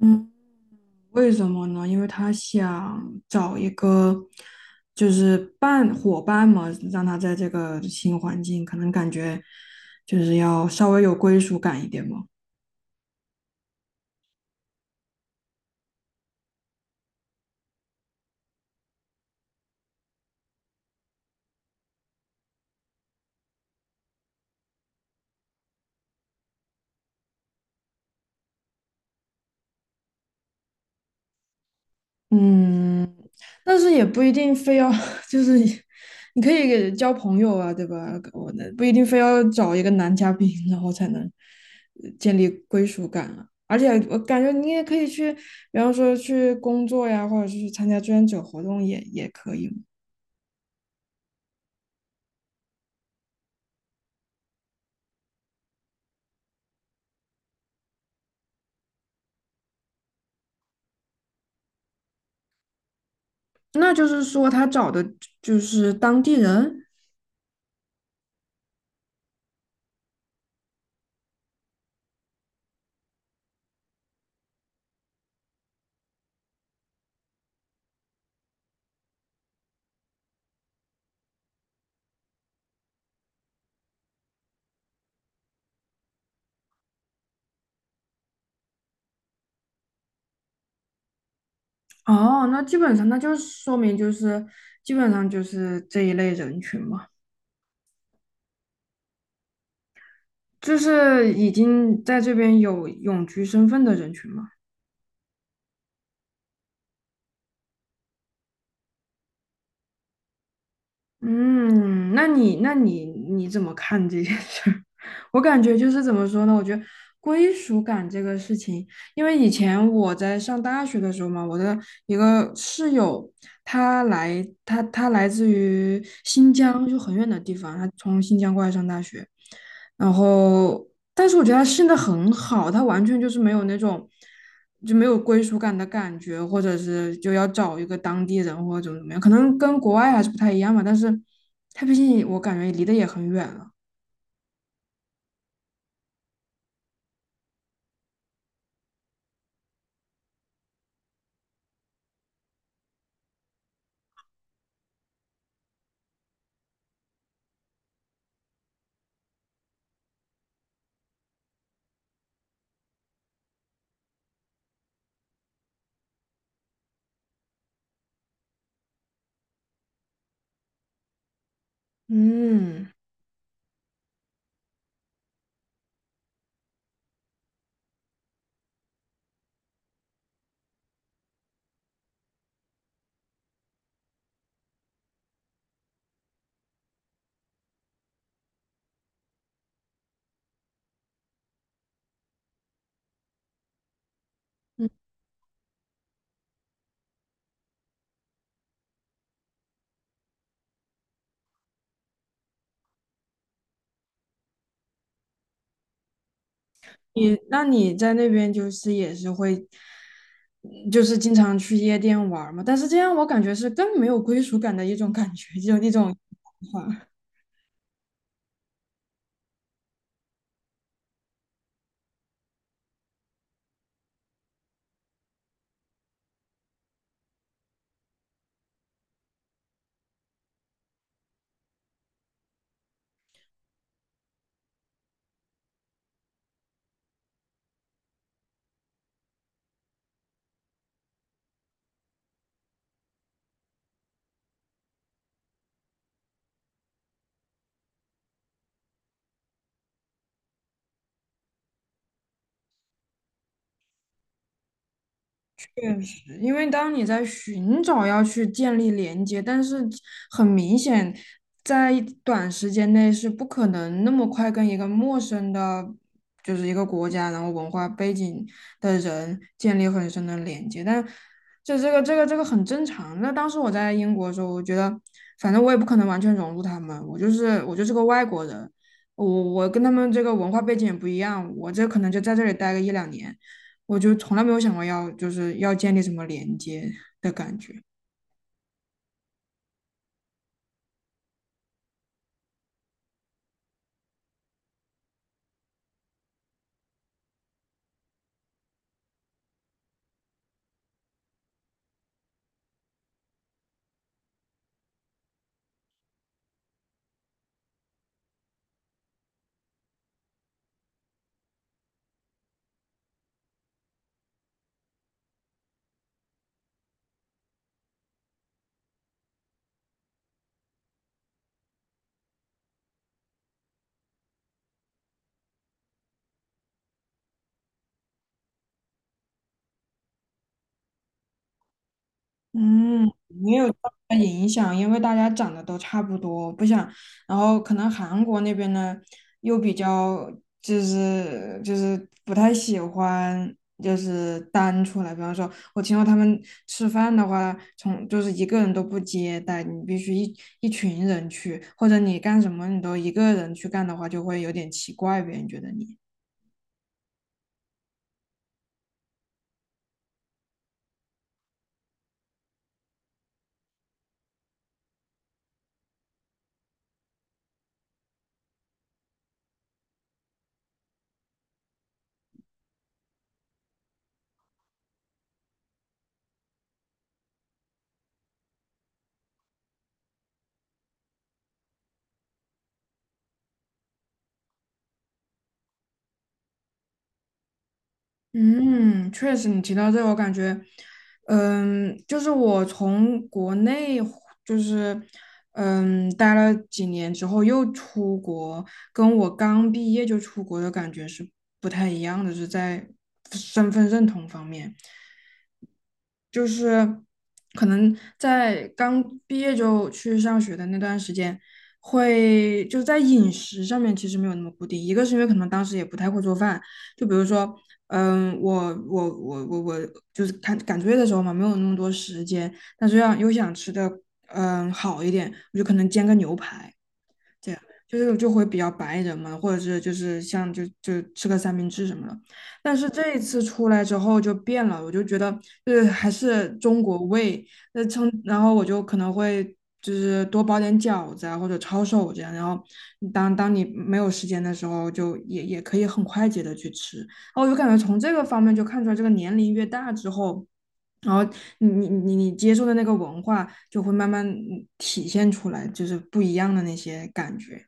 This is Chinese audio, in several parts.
嗯，为什么呢？因为他想找一个伴伙伴嘛，让他在这个新环境，可能感觉就是要稍微有归属感一点嘛。嗯，但是也不一定非要，就是你可以给交朋友啊，对吧？我的不一定非要找一个男嘉宾，然后才能建立归属感啊。而且我感觉你也可以去，比方说去工作呀，或者是去参加志愿者活动也可以。那就是说他找的就是当地人。哦，那基本上那就是说明就是基本上就是这一类人群嘛，就是已经在这边有永居身份的人群嘛。嗯，那你怎么看这件事儿？我感觉就是怎么说呢？我觉得归属感这个事情，因为以前我在上大学的时候嘛，我的一个室友，他来自于新疆，就很远的地方，他从新疆过来上大学，然后但是我觉得他现在很好，他完全就是没有那种就没有归属感的感觉，或者是就要找一个当地人或者怎么怎么样，可能跟国外还是不太一样吧。但是他毕竟我感觉离得也很远了。嗯，嗯你那你在那边就是也是会，就是经常去夜店玩儿嘛？但是这样我感觉是更没有归属感的一种感觉，就那种。确实，因为当你在寻找要去建立连接，但是很明显，在短时间内是不可能那么快跟一个陌生的，就是一个国家，然后文化背景的人建立很深的连接。但这个很正常。那当时我在英国的时候，我觉得反正我也不可能完全融入他们，我就是个外国人，我我跟他们这个文化背景也不一样，我这可能就在这里待个一两年。我就从来没有想过要就是要建立什么连接的感觉。嗯，没有什大影响，因为大家长得都差不多，不想，然后可能韩国那边呢又比较就是不太喜欢就是单出来，比方说我听说他们吃饭的话，从就是一个人都不接待，你必须一群人去，或者你干什么你都一个人去干的话，就会有点奇怪，别人觉得你。嗯，确实，你提到这个，我感觉，嗯，就是我从国内回就是嗯待了几年之后又出国，跟我刚毕业就出国的感觉是不太一样的，是在身份认同方面。就是可能在刚毕业就去上学的那段时间，会就在饮食上面其实没有那么固定。一个是因为可能当时也不太会做饭，就比如说，嗯，我就是赶赶作业的时候嘛，没有那么多时间，但是要又想吃的嗯好一点，我就可能煎个牛排。就是就会比较白人嘛，或者是就是像吃个三明治什么的。但是这一次出来之后就变了，我就觉得就是还是中国味，那称然后我就可能会就是多包点饺子啊或者抄手这样，然后当你没有时间的时候就也可以很快捷的去吃。然后我就感觉从这个方面就看出来，这个年龄越大之后。然后你接受的那个文化就会慢慢嗯体现出来，就是不一样的那些感觉。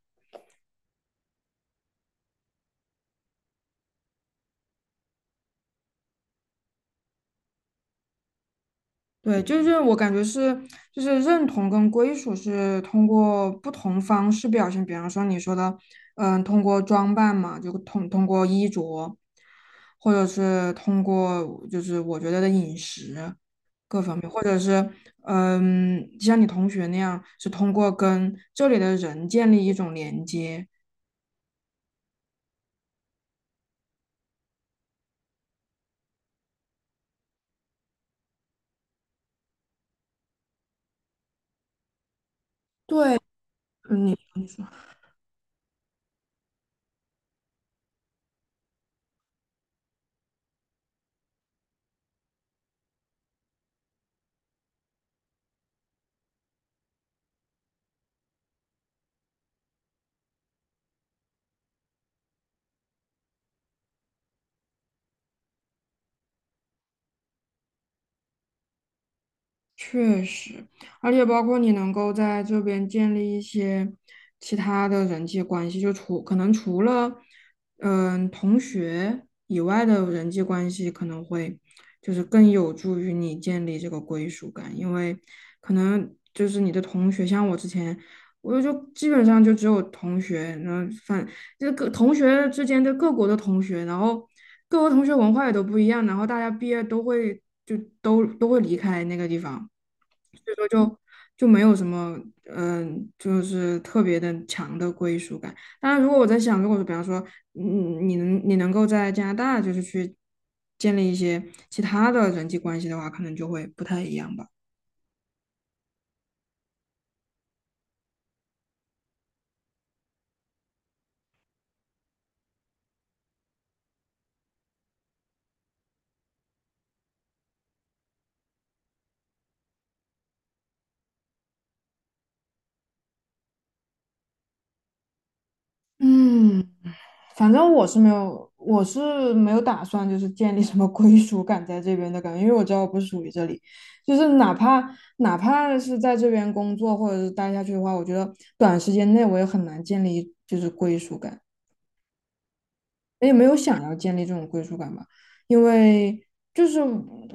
对，就是我感觉是，就是认同跟归属是通过不同方式表现，比方说你说的，嗯，通过装扮嘛，就通过衣着，或者是通过就是我觉得的饮食各方面，或者是嗯，像你同学那样，是通过跟这里的人建立一种连接。对，嗯，你你说。确实，而且包括你能够在这边建立一些其他的人际关系，就除可能除了嗯同学以外的人际关系，可能会就是更有助于你建立这个归属感，因为可能就是你的同学，像我之前，我就基本上就只有同学，然后反这各同学之间的各国的同学，然后各国同学文化也都不一样，然后大家毕业都会就都会离开那个地方。所以说就就没有什么，嗯、就是特别的强的归属感。当然，如果我在想，如果说比方说，嗯，你能够在加拿大就是去建立一些其他的人际关系的话，可能就会不太一样吧。嗯，反正我是没有，我是没有打算就是建立什么归属感在这边的感觉，因为我知道我不属于这里，就是哪怕是在这边工作或者是待下去的话，我觉得短时间内我也很难建立就是归属感。也没有想要建立这种归属感吧，因为就是我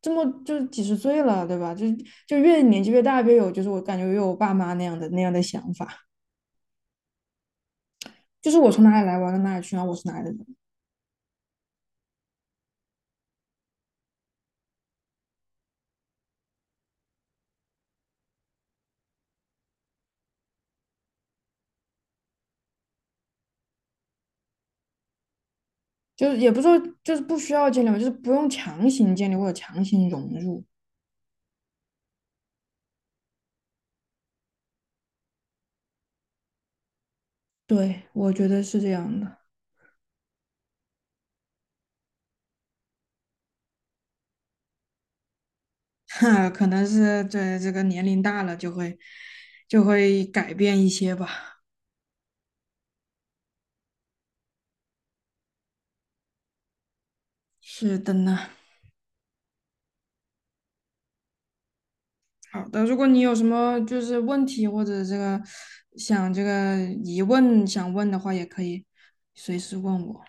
这么就几十岁了，对吧？就就越年纪越大，越有就是我感觉越有我爸妈那样的想法，就是我从哪里来，我要到哪里去，然后我是哪里的人，就是也不是说就是不需要建立嘛，就是不用强行建立或者强行融入。对，我觉得是这样的，哈，可能是对这个年龄大了就会就会改变一些吧。是的呢。好的，如果你有什么就是问题或者这个想这个疑问想问的话，也可以随时问我。